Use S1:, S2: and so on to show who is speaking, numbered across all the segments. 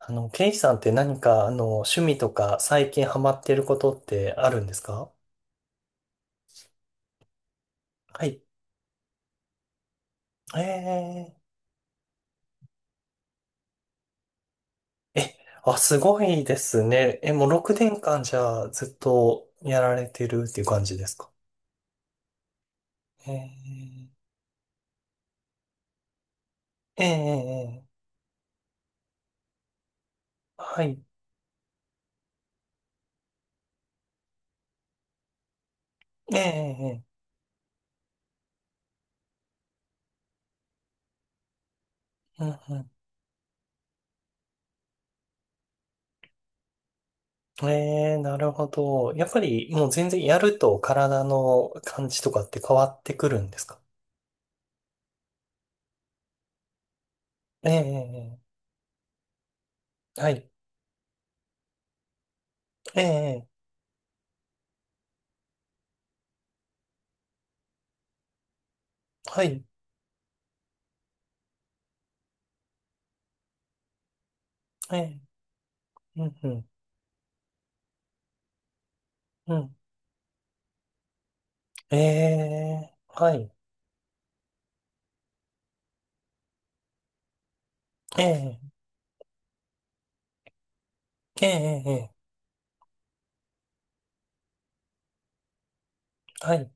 S1: ケイさんって何か、趣味とか最近ハマってることってあるんですか？はい。えー、え、あ、すごいですね。もう6年間じゃあずっとやられてるっていう感じですか？えー、えー、えはい。えー、えうんうん。なるほど。やっぱりもう全然やると体の感じとかって変わってくるんですか？えー、えはい。えー、えはい。えうんうん。ええ、はい。ええ、ええ、ええ、はい、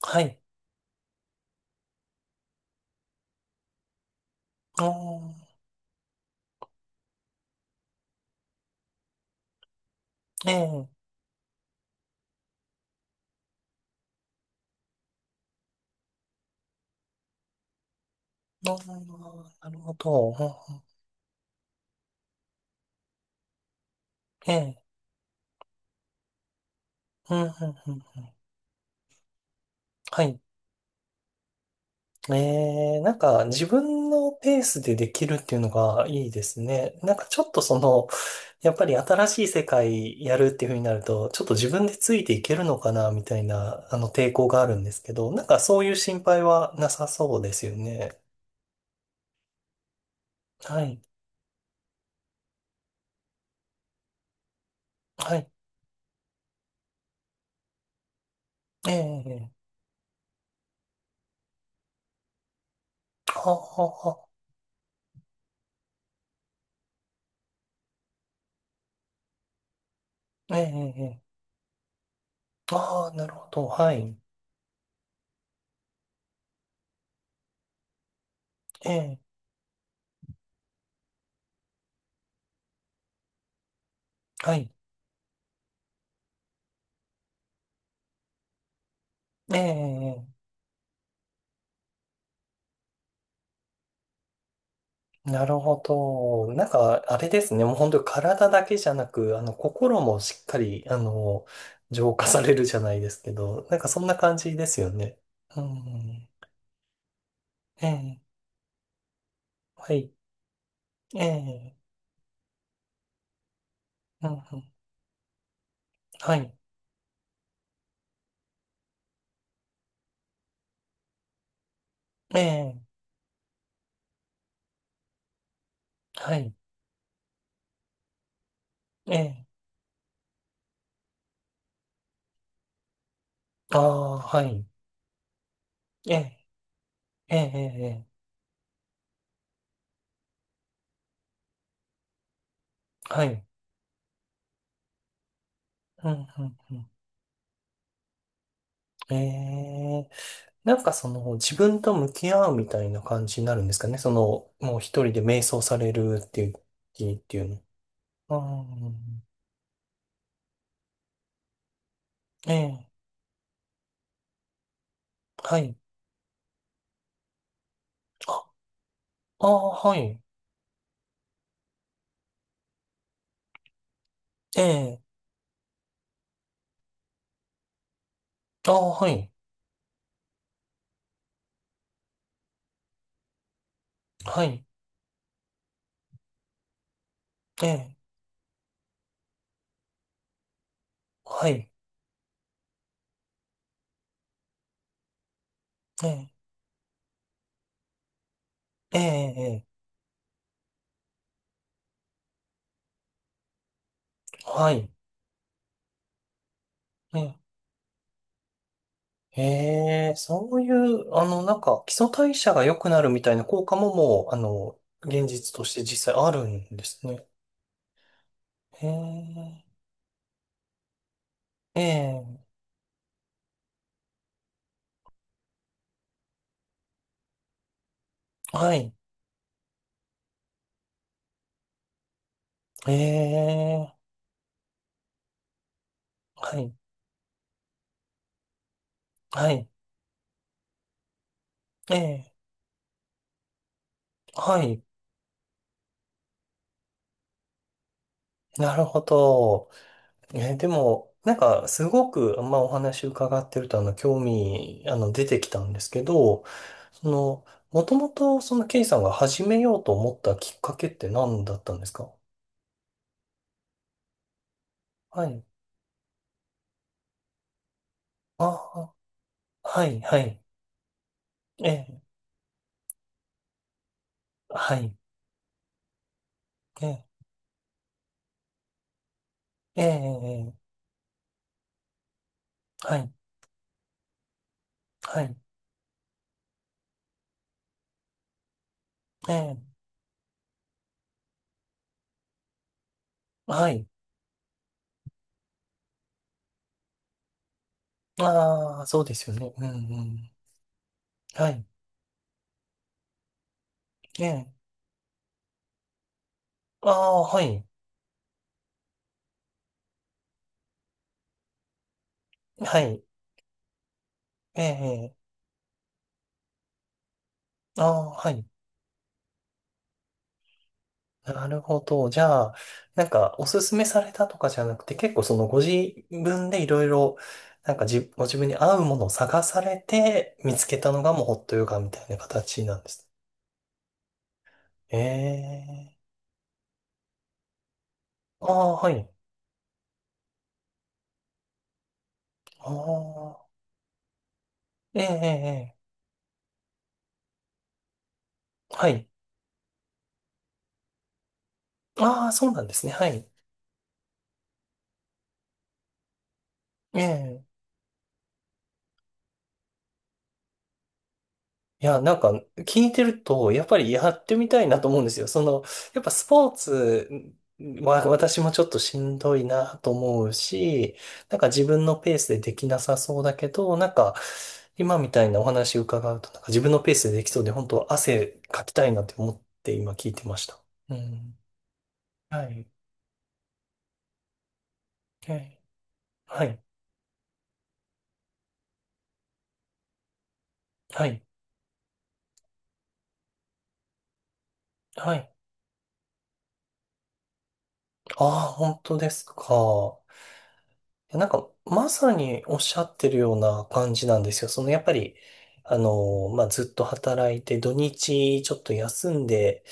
S1: はい。あーええ、あーなるほど。うんうんええ、うん、うん、うんうん。はい。ええ、なんか自分のペースでできるっていうのがいいですね。なんかちょっとその、やっぱり新しい世界やるっていうふうになると、ちょっと自分でついていけるのかな、みたいな、抵抗があるんですけど、なんかそういう心配はなさそうですよね。はい、はい。ええはあはあええ、ええ。ああ、なるほど。はい。ええ、はい。ええ、なるほど。なんか、あれですね。もう本当に体だけじゃなく、心もしっかり、浄化されるじゃないですけど、なんかそんな感じですよね。うん。ええ、はい。ええ、うんうん、はい。ええ、はい。ええ、ああ、はい。ええ、ええ、ええ、ええはい。うん、うん、うん。ええうんうんはいええはいええああはいええええええはいうんうんうんええなんかその自分と向き合うみたいな感じになるんですかね。その、もう一人で瞑想されるっていう時っていうの。うん。ええ。はい。あ、ああ、はい。ええ。ああ、はい。はい。ええ。はい。ええ。ええ。ええはい。ええ。へえそういう、なんか、基礎代謝が良くなるみたいな効果ももう、現実として実際あるんですね。へえ。ええ。はい。ええ。はい、はい、ええ、はい、なるほど。でも、なんか、すごく、まあ、お話伺ってると、興味、出てきたんですけど、その、もともと、その、ケイさんが始めようと思ったきっかけって何だったんですか？はい。ああ、はい、はい、ええ、はい、ええ、ええ、ええはい、はい、ええ、はい。ああ、そうですよね。うん、うん。はい、ええ、ああ、はい、はい。ええああ、はい。なるほど。じゃあ、なんか、おすすめされたとかじゃなくて、結構そのご自分でいろいろ、なんかじ、ご自分に合うものを探されて、見つけたのがもうホットヨガみたいな形なんです。ええー。ああ、はい。ああ、ええええええはい。ああ、そうなんですね。はい。ええいや、なんか聞いてると、やっぱりやってみたいなと思うんですよ。その、やっぱスポーツは私もちょっとしんどいなと思うし、なんか自分のペースでできなさそうだけど、なんか今みたいなお話伺うと、なんか自分のペースでできそうで、本当汗かきたいなって思って今聞いてました。うん。はい。はい。はい。はい。はい。ああ、本当ですか。やなんか、まさにおっしゃってるような感じなんですよ。その、やっぱり、まあ、ずっと働いて、土日ちょっと休んで、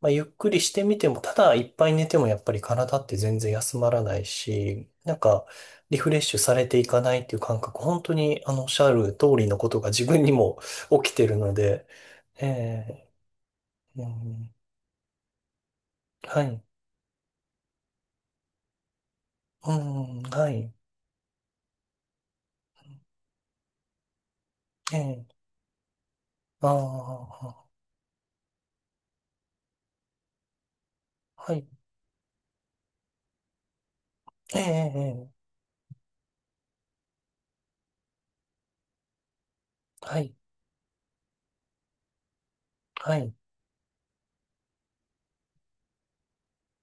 S1: まあ、ゆっくりしてみても、ただいっぱい寝てもやっぱり体って全然休まらないし、なんか、リフレッシュされていかないっていう感覚、本当に、おっしゃる通りのことが自分にも 起きてるので、ええうん、はい、うん、はい、ええああ、はい、ええええはい、はい。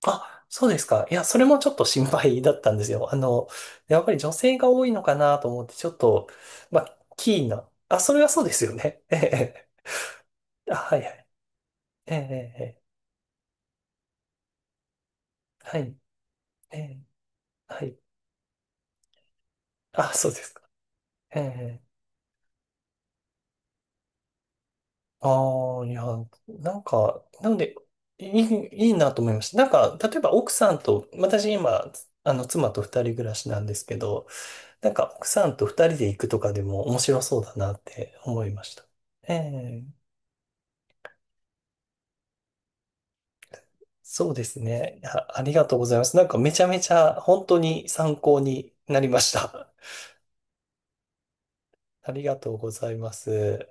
S1: あ、そうですか。いや、それもちょっと心配だったんですよ。やっぱり女性が多いのかなと思って、ちょっと、まあ、キーな。あ、それはそうですよね。ええ。ええあ、はいはい。ええ、ええ、はい。ええ、はい。あ、そうですか。ええ。ああ、いや、なんか、なんで、いいなと思いました。なんか、例えば奥さんと、私今、妻と二人暮らしなんですけど、なんか奥さんと二人で行くとかでも面白そうだなって思いました。ええ。そうですね。あ、ありがとうございます。なんかめちゃめちゃ本当に参考になりました。ありがとうございます。